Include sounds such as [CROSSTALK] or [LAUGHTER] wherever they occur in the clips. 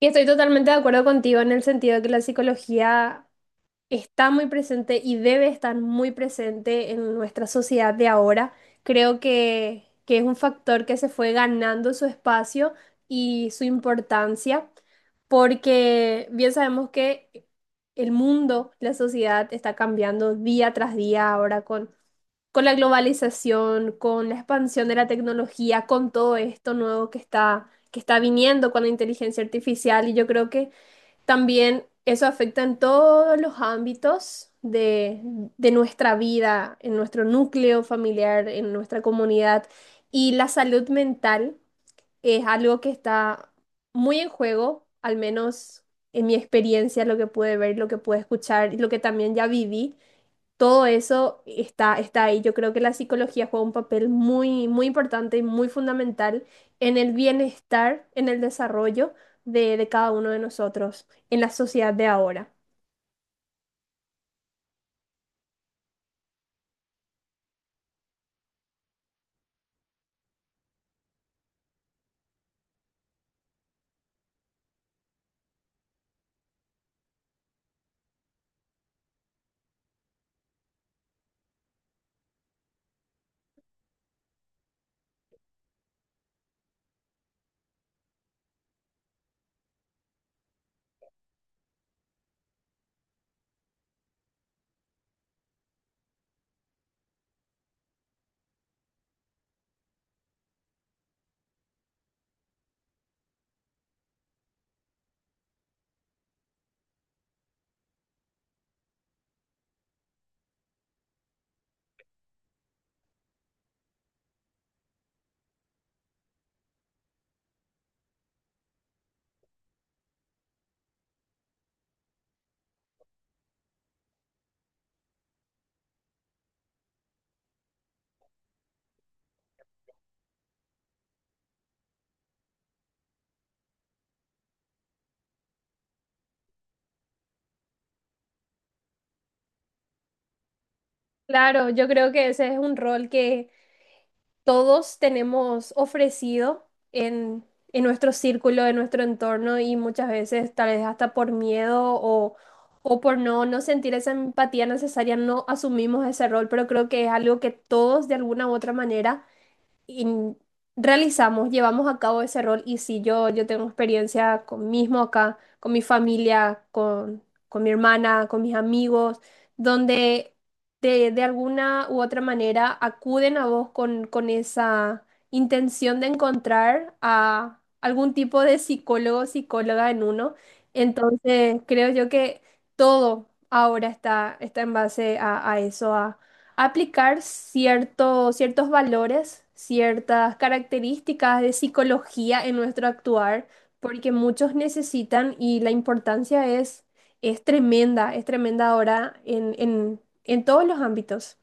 Y estoy totalmente de acuerdo contigo en el sentido de que la psicología está muy presente y debe estar muy presente en nuestra sociedad de ahora. Creo que es un factor que se fue ganando su espacio y su importancia, porque bien sabemos que el mundo, la sociedad está cambiando día tras día ahora con la globalización, con la expansión de la tecnología, con todo esto nuevo que está viniendo con la inteligencia artificial. Y yo creo que también eso afecta en todos los ámbitos de nuestra vida, en nuestro núcleo familiar, en nuestra comunidad. Y la salud mental es algo que está muy en juego, al menos en mi experiencia, lo que pude ver, lo que pude escuchar y lo que también ya viví, todo eso está ahí. Yo creo que la psicología juega un papel muy, muy importante y muy fundamental en el bienestar, en el desarrollo de cada uno de nosotros, en la sociedad de ahora. Claro, yo creo que ese es un rol que todos tenemos ofrecido en nuestro círculo, en nuestro entorno y muchas veces tal vez hasta por miedo o por no sentir esa empatía necesaria, no asumimos ese rol, pero creo que es algo que todos de alguna u otra manera in- realizamos, llevamos a cabo ese rol y sí, yo tengo experiencia con mismo acá, con mi familia, con mi hermana, con mis amigos, donde de alguna u otra manera acuden a vos con esa intención de encontrar a algún tipo de psicólogo o psicóloga en uno. Entonces, creo yo que todo ahora está en base a eso, aplicar ciertos valores, ciertas características de psicología en nuestro actuar, porque muchos necesitan y la importancia es tremenda ahora en en todos los ámbitos.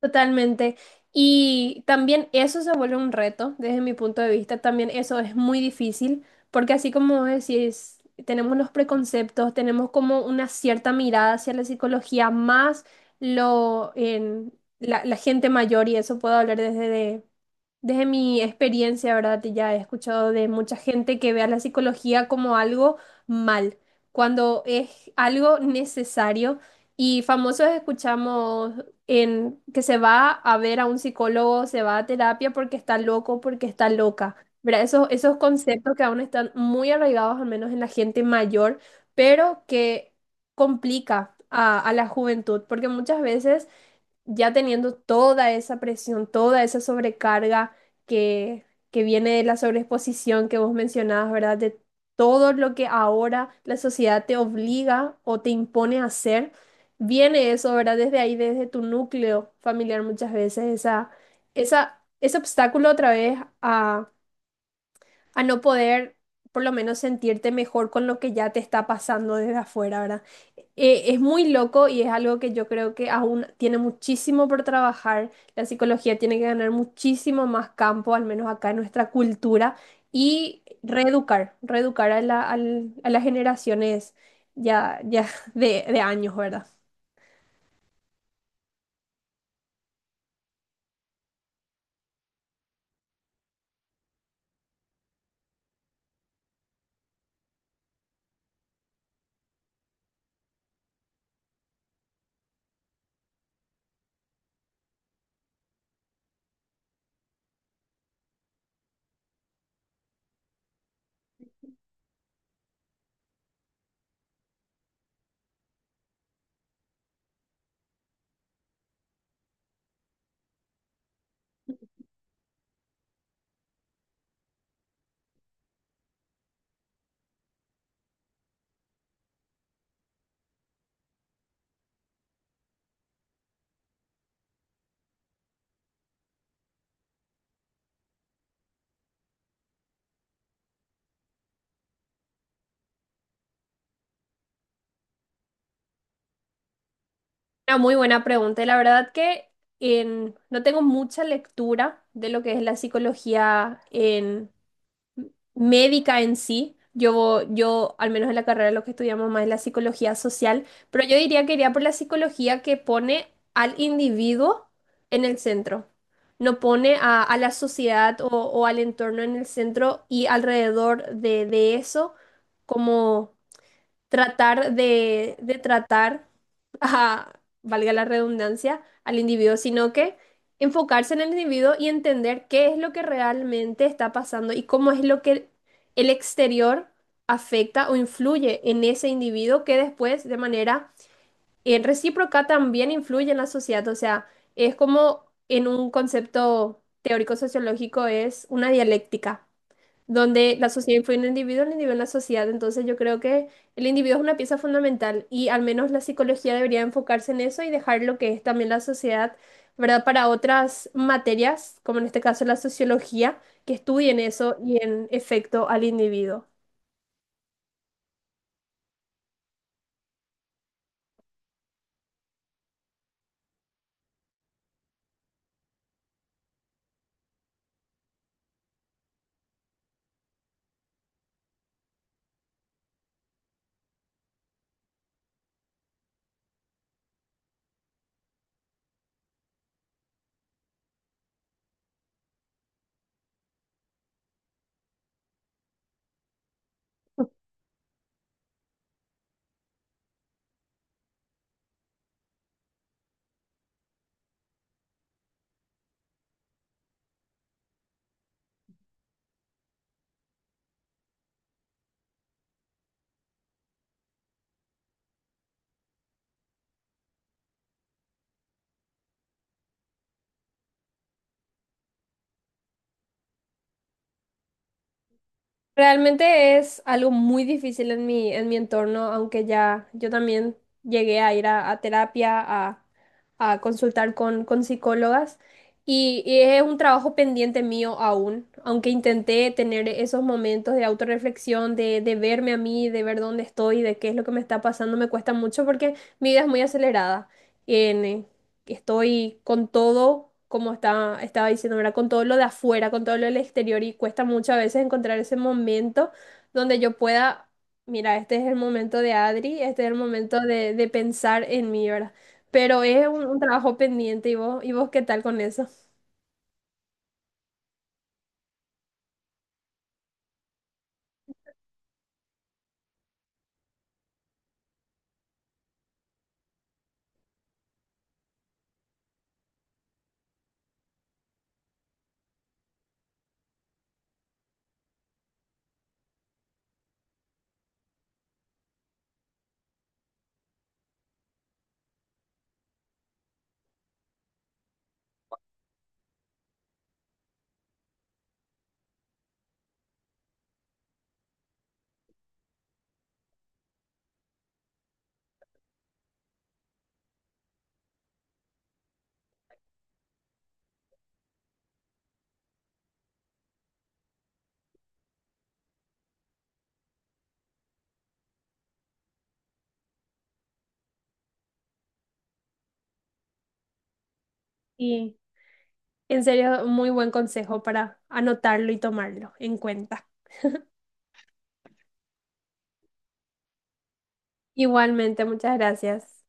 Totalmente. Y también eso se vuelve un reto desde mi punto de vista. También eso es muy difícil porque así como vos decís, tenemos los preconceptos, tenemos como una cierta mirada hacia la psicología, más lo en la gente mayor y eso puedo hablar desde desde mi experiencia, ¿verdad? Ya he escuchado de mucha gente que ve a la psicología como algo mal, cuando es algo necesario. Y famosos escuchamos en que se va a ver a un psicólogo, se va a terapia porque está loco, porque está loca. ¿Verdad? Esos conceptos que aún están muy arraigados, al menos en la gente mayor, pero que complica a la juventud, porque muchas veces ya teniendo toda esa presión, toda esa sobrecarga que, que viene de la sobreexposición que vos mencionabas, ¿verdad? De todo lo que ahora la sociedad te obliga o te impone a hacer, viene eso, ¿verdad? Desde ahí, desde tu núcleo familiar muchas veces, ese obstáculo otra vez a no poder por lo menos sentirte mejor con lo que ya te está pasando desde afuera, ¿verdad? Es muy loco y es algo que yo creo que aún tiene muchísimo por trabajar. La psicología tiene que ganar muchísimo más campo, al menos acá en nuestra cultura, y reeducar, reeducar a a las generaciones ya [LAUGHS] de años, ¿verdad? Una muy buena pregunta. La verdad que no tengo mucha lectura de lo que es la psicología en, médica en sí. Yo, al menos en la carrera, lo que estudiamos más es la psicología social, pero yo diría que iría por la psicología que pone al individuo en el centro. No pone a la sociedad o al entorno en el centro y alrededor de eso, como tratar de tratar ajá, valga la redundancia, al individuo, sino que enfocarse en el individuo y entender qué es lo que realmente está pasando y cómo es lo que el exterior afecta o influye en ese individuo que después de manera recíproca también influye en la sociedad. O sea, es como en un concepto teórico sociológico es una dialéctica donde la sociedad influye en el individuo en la sociedad. Entonces yo creo que el individuo es una pieza fundamental y al menos la psicología debería enfocarse en eso y dejar lo que es también la sociedad, ¿verdad? Para otras materias, como en este caso la sociología, que estudien eso y en efecto al individuo. Realmente es algo muy difícil en mi entorno, aunque ya yo también llegué a ir a terapia, a consultar con psicólogas, y es un trabajo pendiente mío aún, aunque intenté tener esos momentos de autorreflexión, de verme a mí, de ver dónde estoy, de qué es lo que me está pasando, me cuesta mucho porque mi vida es muy acelerada estoy con todo, como estaba diciendo, ¿verdad? Con todo lo de afuera, con todo lo del exterior y cuesta muchas veces encontrar ese momento donde yo pueda, mira, este es el momento de Adri, este es el momento de pensar en mí, ¿verdad? Pero es un trabajo pendiente ¿y vos qué tal con eso? Y en serio, muy buen consejo para anotarlo y tomarlo en cuenta. Igualmente, muchas gracias.